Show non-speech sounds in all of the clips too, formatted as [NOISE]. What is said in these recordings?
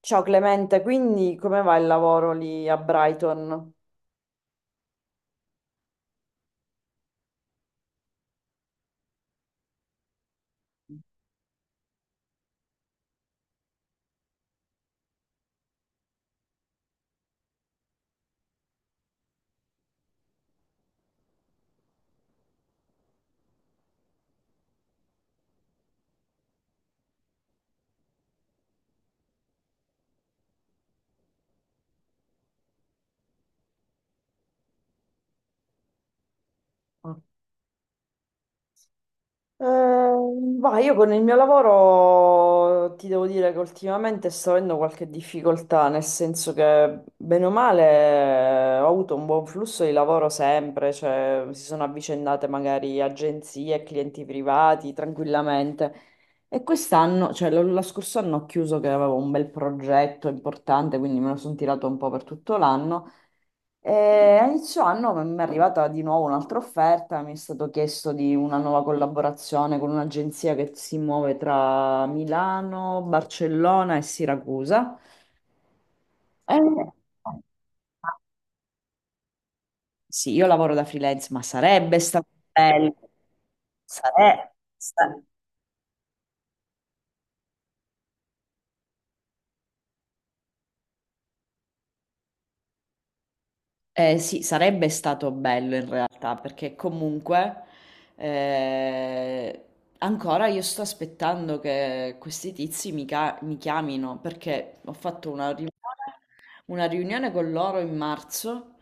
Ciao Clemente, quindi come va il lavoro lì a Brighton? Ah. Eh, Va, io con il mio lavoro ti devo dire che ultimamente sto avendo qualche difficoltà, nel senso che bene o male ho avuto un buon flusso di lavoro sempre, cioè si sono avvicendate magari agenzie, clienti privati tranquillamente. E quest'anno, cioè lo scorso anno ho chiuso che avevo un bel progetto importante, quindi me lo sono tirato un po' per tutto l'anno. E a inizio anno mi è arrivata di nuovo un'altra offerta, mi è stato chiesto di una nuova collaborazione con un'agenzia che si muove tra Milano, Barcellona e Siracusa. E- Sì, io lavoro da freelance, ma sarebbe stato bello. Sarebbe. Sì, sarebbe stato bello in realtà, perché comunque eh, ancora io sto aspettando che questi tizi mi, mi chiamino, perché ho fatto una riunione con loro in marzo,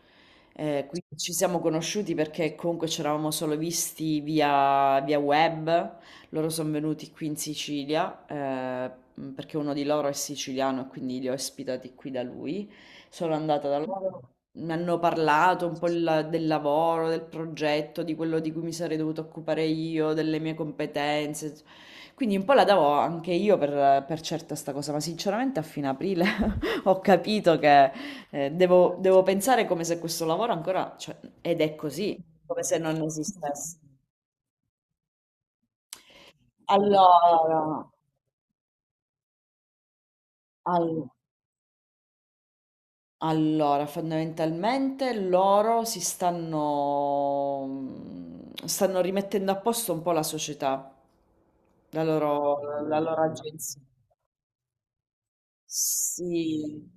quindi ci siamo conosciuti perché comunque ci eravamo solo visti via web, loro sono venuti qui in Sicilia, perché uno di loro è siciliano e quindi li ho ospitati qui da lui, sono andata da loro. Mi hanno parlato un po' del lavoro, del progetto, di quello di cui mi sarei dovuta occupare io, delle mie competenze. Quindi un po' la davo anche io per certa sta cosa, ma sinceramente a fine aprile ho capito che devo pensare come se questo lavoro ancora, cioè, ed è così, come se non esistesse. Allora, all- allora, fondamentalmente loro si stanno, stanno rimettendo a posto un po' la società, la loro agenzia. Sì.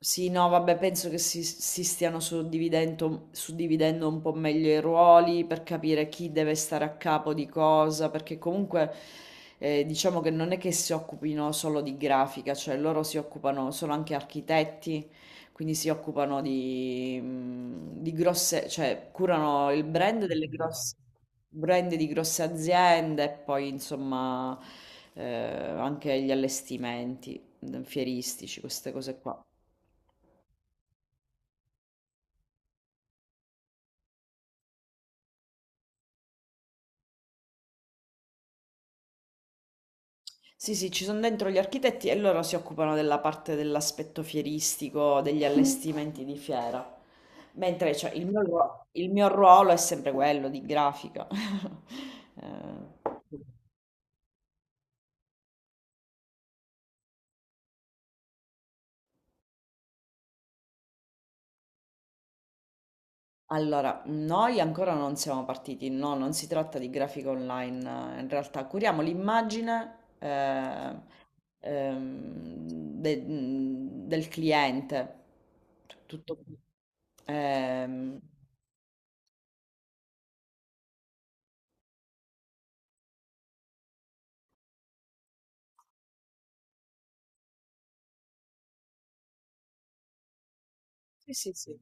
Sì, no, vabbè, penso che si stiano suddividendo un po' meglio i ruoli per capire chi deve stare a capo di cosa, perché comunque diciamo che non è che si occupino solo di grafica, cioè loro si occupano, sono anche architetti, quindi si occupano di grosse, cioè curano il brand delle grosse, brand di grosse aziende e poi insomma anche gli allestimenti fieristici, queste cose qua. Sì, sì, ci sono dentro gli architetti e loro si occupano della parte dell'aspetto fieristico, degli allestimenti di fiera. Mentre cioè, il mio, il mio ruolo è sempre quello di grafica. [LAUGHS] Eh, allora, noi ancora non siamo partiti, no, non si tratta di grafica online, in realtà curiamo l'immagine ehm, de- del cliente. Cioè, tutto. ehm, sì, sì, sì.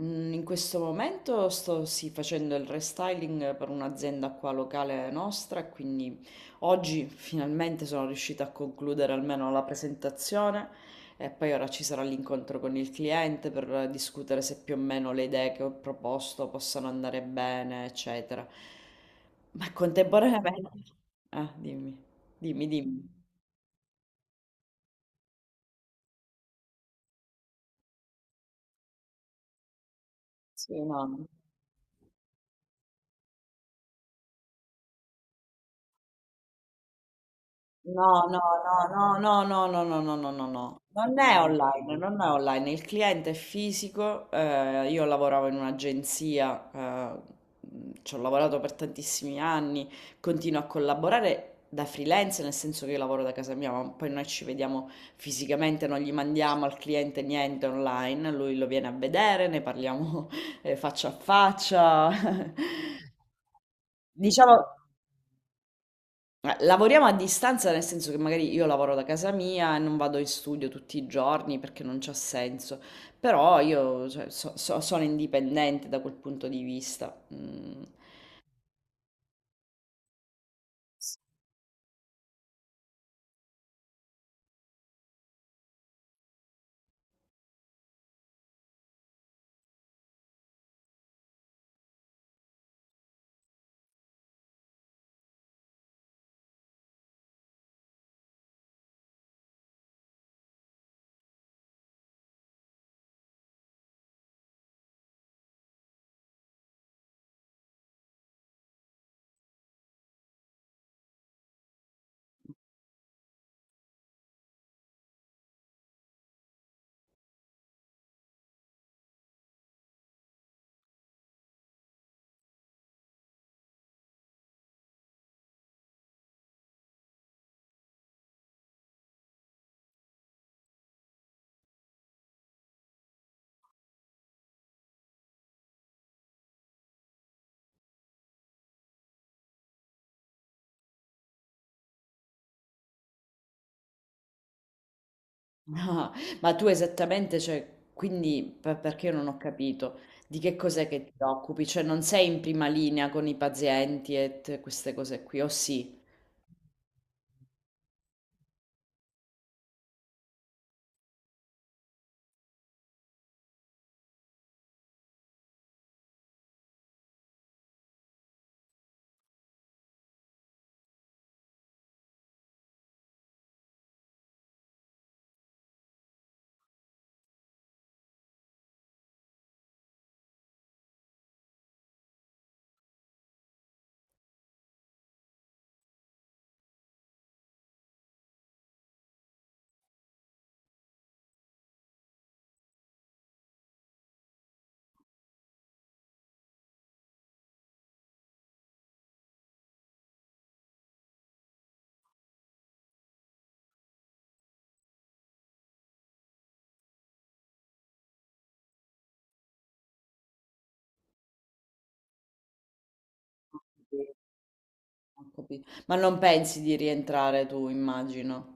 In questo momento sto sì, facendo il restyling per un'azienda qua locale nostra, e quindi oggi finalmente sono riuscita a concludere almeno la presentazione e poi ora ci sarà l'incontro con il cliente per discutere se più o meno le idee che ho proposto possano andare bene, eccetera. Ma contemporaneamente... [LAUGHS] Ah, dimmi, dimmi. Sì, no. No, no, no, no, no, no, no, no, no, no, no, no. Non è online, non è online, il cliente è fisico, io lavoravo in un'agenzia, ci ho lavorato per tantissimi anni, continuo a collaborare da freelance, nel senso che io lavoro da casa mia, ma poi noi ci vediamo fisicamente, non gli mandiamo al cliente niente online, lui lo viene a vedere, ne parliamo [LAUGHS] faccia a faccia. [LAUGHS] Diciamo, lavoriamo a distanza, nel senso che magari io lavoro da casa mia e non vado in studio tutti i giorni perché non c'ha senso, però io cioè, sono indipendente da quel punto di vista. Mm. [LAUGHS] Ah, ma tu esattamente, cioè, quindi perché io non ho capito di che cos'è che ti occupi, cioè non sei in prima linea con i pazienti e queste cose qui, o sì? Sì. Ho capito. Ma non pensi di rientrare tu, immagino.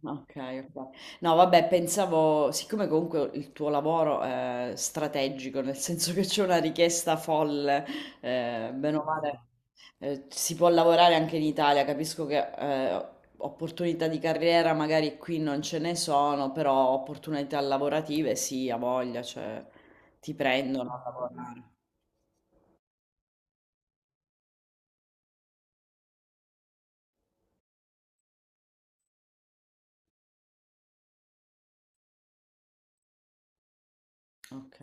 Okay, okay. No, vabbè, pensavo, siccome comunque il tuo lavoro è strategico, nel senso che c'è una richiesta folle, bene o male, si può lavorare anche in Italia, capisco che opportunità di carriera magari qui non ce ne sono, però opportunità lavorative sì, a voglia, cioè ti prendono a lavorare. Ok,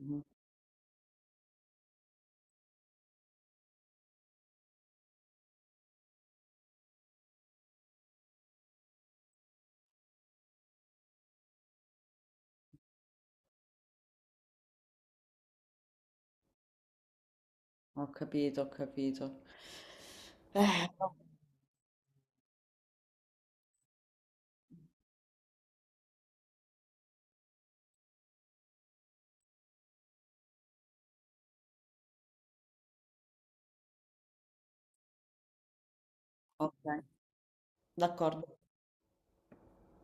mhm, ho capito, ho capito. No, ok, d'accordo.